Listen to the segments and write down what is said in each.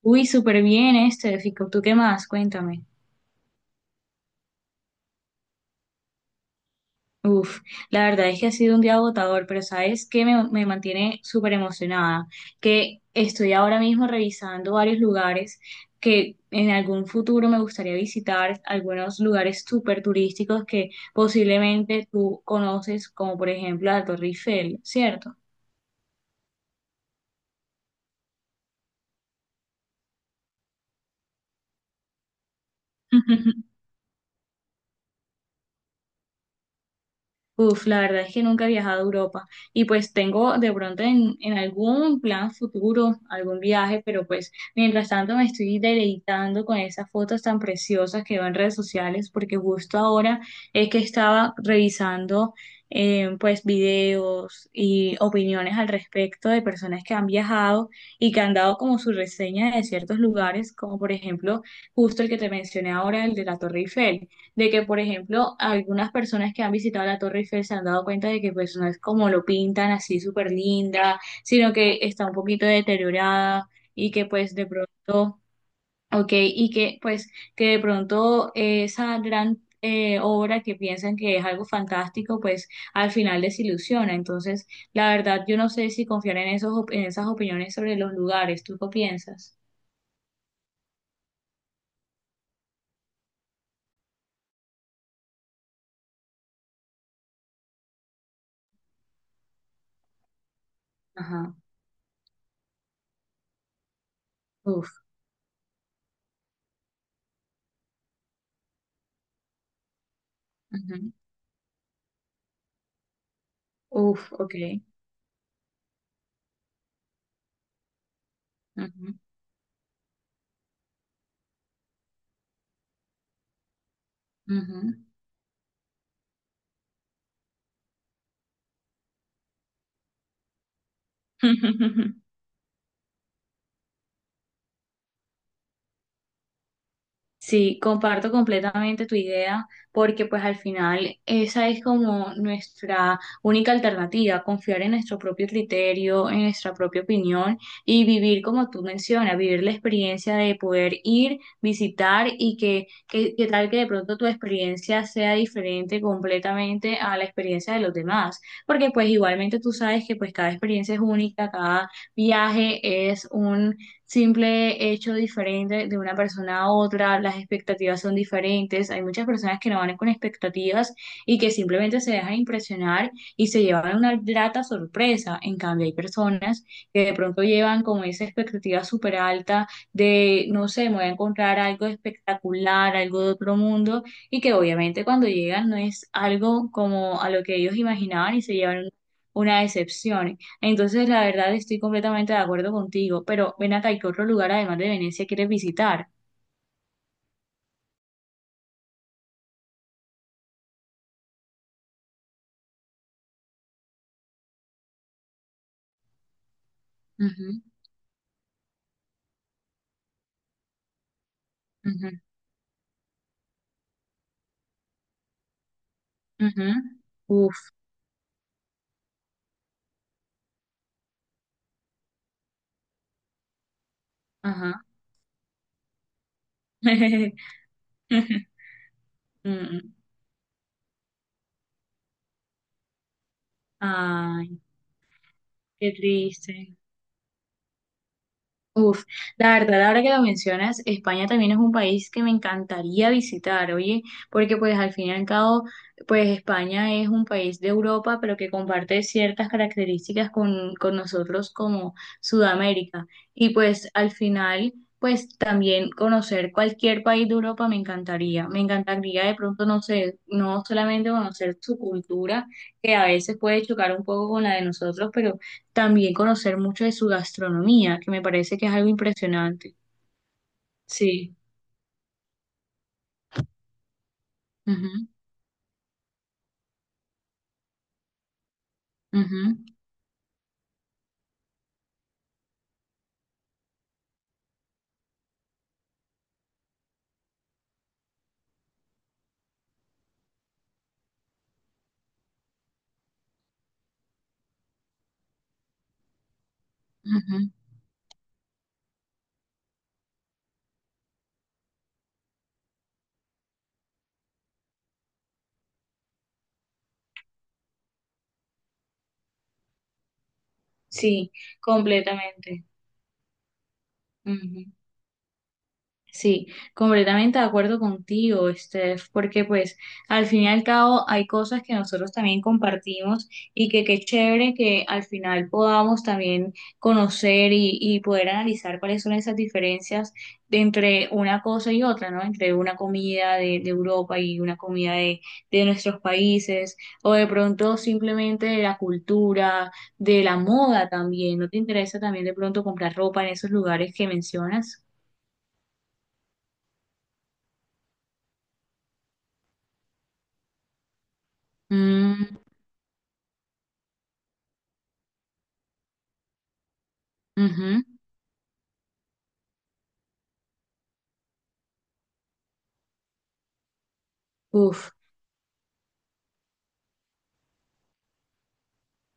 Uy, súper bien Fico. ¿Tú qué más? Cuéntame. Uf, la verdad es que ha sido un día agotador, pero ¿sabes qué me mantiene súper emocionada? Que estoy ahora mismo revisando varios lugares que en algún futuro me gustaría visitar, algunos lugares súper turísticos que posiblemente tú conoces, como por ejemplo la Torre Eiffel, ¿cierto? Uf, la verdad es que nunca he viajado a Europa y pues tengo de pronto en algún plan futuro, algún viaje, pero pues mientras tanto me estoy deleitando con esas fotos tan preciosas que veo en redes sociales porque justo ahora es que estaba revisando pues videos y opiniones al respecto de personas que han viajado y que han dado como su reseña de ciertos lugares, como por ejemplo justo el que te mencioné ahora, el de la Torre Eiffel, de que, por ejemplo, algunas personas que han visitado la Torre Eiffel se han dado cuenta de que pues no es como lo pintan así súper linda, sino que está un poquito deteriorada y que pues de pronto, ok, y que pues que de pronto esa gran obra que piensan que es algo fantástico, pues al final desilusiona. Entonces, la verdad, yo no sé si confiar en en esas opiniones sobre los lugares. ¿Tú qué piensas? Ajá. Uf. Ujú. Uf, ok. Ujú, ujú. Sí, comparto completamente tu idea porque pues al final esa es como nuestra única alternativa, confiar en nuestro propio criterio, en nuestra propia opinión y vivir como tú mencionas, vivir la experiencia de poder ir, visitar y que tal que de pronto tu experiencia sea diferente completamente a la experiencia de los demás, porque pues igualmente tú sabes que pues cada experiencia es única, cada viaje es simple hecho diferente de una persona a otra, las expectativas son diferentes, hay muchas personas que no van con expectativas y que simplemente se dejan impresionar y se llevan una grata sorpresa, en cambio hay personas que de pronto llevan como esa expectativa súper alta de, no sé, me voy a encontrar algo espectacular, algo de otro mundo y que obviamente cuando llegan no es algo como a lo que ellos imaginaban y se llevan una decepción. Entonces, la verdad, estoy completamente de acuerdo contigo, pero ven acá, ¿y qué otro lugar además de Venecia quieres visitar? Ujú, ujú, ujú. Uf, ajá. Mm. Ay, qué triste. Uf, la verdad, ahora que lo mencionas, España también es un país que me encantaría visitar, oye, porque pues al fin y al cabo, pues España es un país de Europa, pero que comparte ciertas características con nosotros como Sudamérica. Y pues al final, pues también conocer cualquier país de Europa me encantaría. Me encantaría de pronto, no sé, no solamente conocer su cultura, que a veces puede chocar un poco con la de nosotros, pero también conocer mucho de su gastronomía, que me parece que es algo impresionante. Sí, ujú, ujú, ujú. Sí, completamente. Ujú. Sí, completamente de acuerdo contigo, Steph, porque pues al fin y al cabo hay cosas que nosotros también compartimos y que qué chévere que al final podamos también conocer y poder analizar cuáles son esas diferencias de entre una cosa y otra, ¿no? Entre una comida de Europa y una comida de nuestros países, o de pronto simplemente de la cultura, de la moda también. ¿No te interesa también de pronto comprar ropa en esos lugares que mencionas? Ujú. Uf,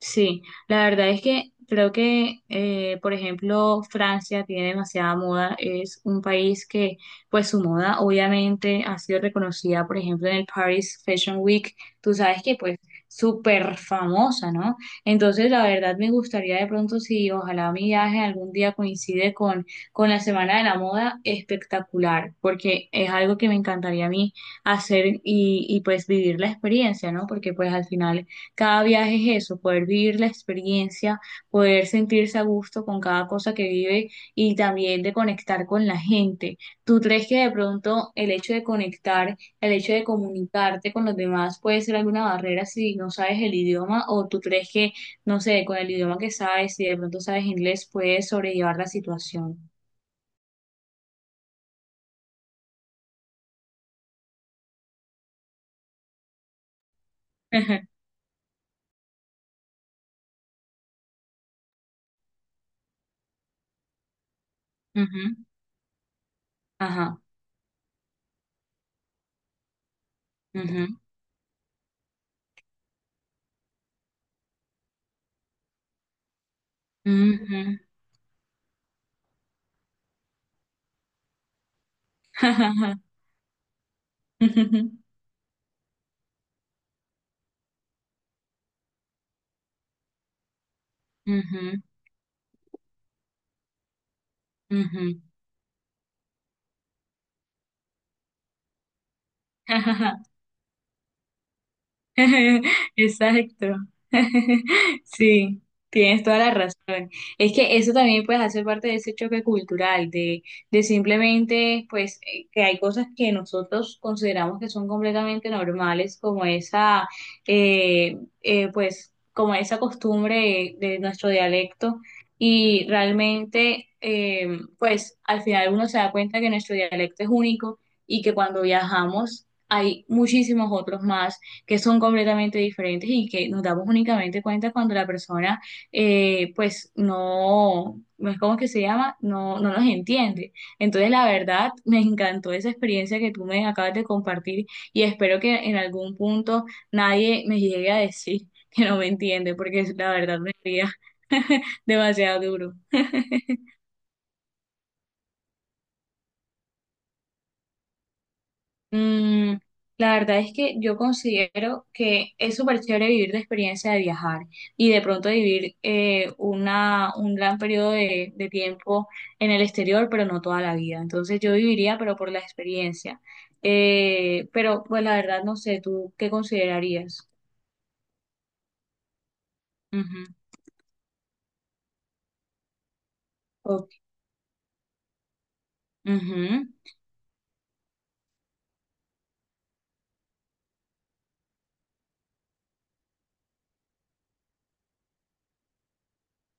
sí, la verdad es que creo que, por ejemplo, Francia tiene demasiada moda, es un país que, pues su moda obviamente ha sido reconocida, por ejemplo, en el Paris Fashion Week, tú sabes que pues súper famosa, ¿no? Entonces, la verdad me gustaría de pronto, si ojalá mi viaje algún día coincide con la Semana de la Moda, espectacular, porque es algo que me encantaría a mí hacer y pues vivir la experiencia, ¿no? Porque pues al final cada viaje es eso, poder vivir la experiencia, poder sentirse a gusto con cada cosa que vive y también de conectar con la gente. ¿Tú crees que de pronto el hecho de conectar, el hecho de comunicarte con los demás puede ser alguna barrera si no sabes el idioma o tú crees que, no sé, con el idioma que sabes, si de pronto sabes inglés, puedes sobrellevar la situación? Ujú. Ajá. Ujú, ujú, ujú, ujú, ujú, Exacto. Sí, tienes toda la razón. Es que eso también pues hace parte de ese choque cultural, de simplemente pues que hay cosas que nosotros consideramos que son completamente normales, como esa pues como esa costumbre de nuestro dialecto y realmente pues al final uno se da cuenta que nuestro dialecto es único y que cuando viajamos hay muchísimos otros más que son completamente diferentes y que nos damos únicamente cuenta cuando la persona, pues no, no es como que se llama, no, no nos entiende. Entonces, la verdad, me encantó esa experiencia que tú me acabas de compartir y espero que en algún punto nadie me llegue a decir que no me entiende, porque la verdad me haría demasiado duro. Mm, la verdad es que yo considero que es súper chévere vivir la experiencia de viajar y de pronto vivir un gran periodo de tiempo en el exterior, pero no toda la vida. Entonces yo viviría, pero por la experiencia. Pero pues la verdad no sé, ¿tú qué considerarías? Ujú, ok, ujú.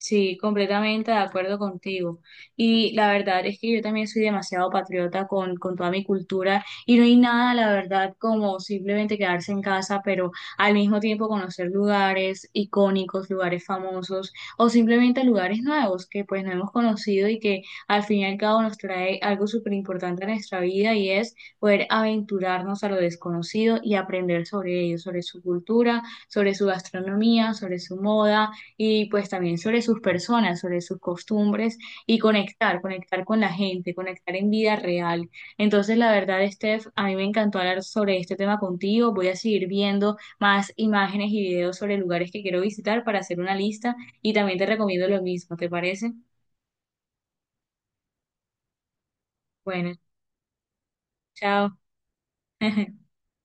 Sí, completamente de acuerdo contigo. Y la verdad es que yo también soy demasiado patriota con toda mi cultura y no hay nada, la verdad, como simplemente quedarse en casa, pero al mismo tiempo conocer lugares icónicos, lugares famosos o simplemente lugares nuevos que pues no hemos conocido y que al fin y al cabo nos trae algo súper importante a nuestra vida y es poder aventurarnos a lo desconocido y aprender sobre ello, sobre su cultura, sobre su gastronomía, sobre su moda y pues también sobre sus personas, sobre sus costumbres y conectar, conectar con la gente, conectar en vida real. Entonces, la verdad, Steph, a mí me encantó hablar sobre este tema contigo. Voy a seguir viendo más imágenes y videos sobre lugares que quiero visitar para hacer una lista y también te recomiendo lo mismo, ¿te parece? Bueno, chao.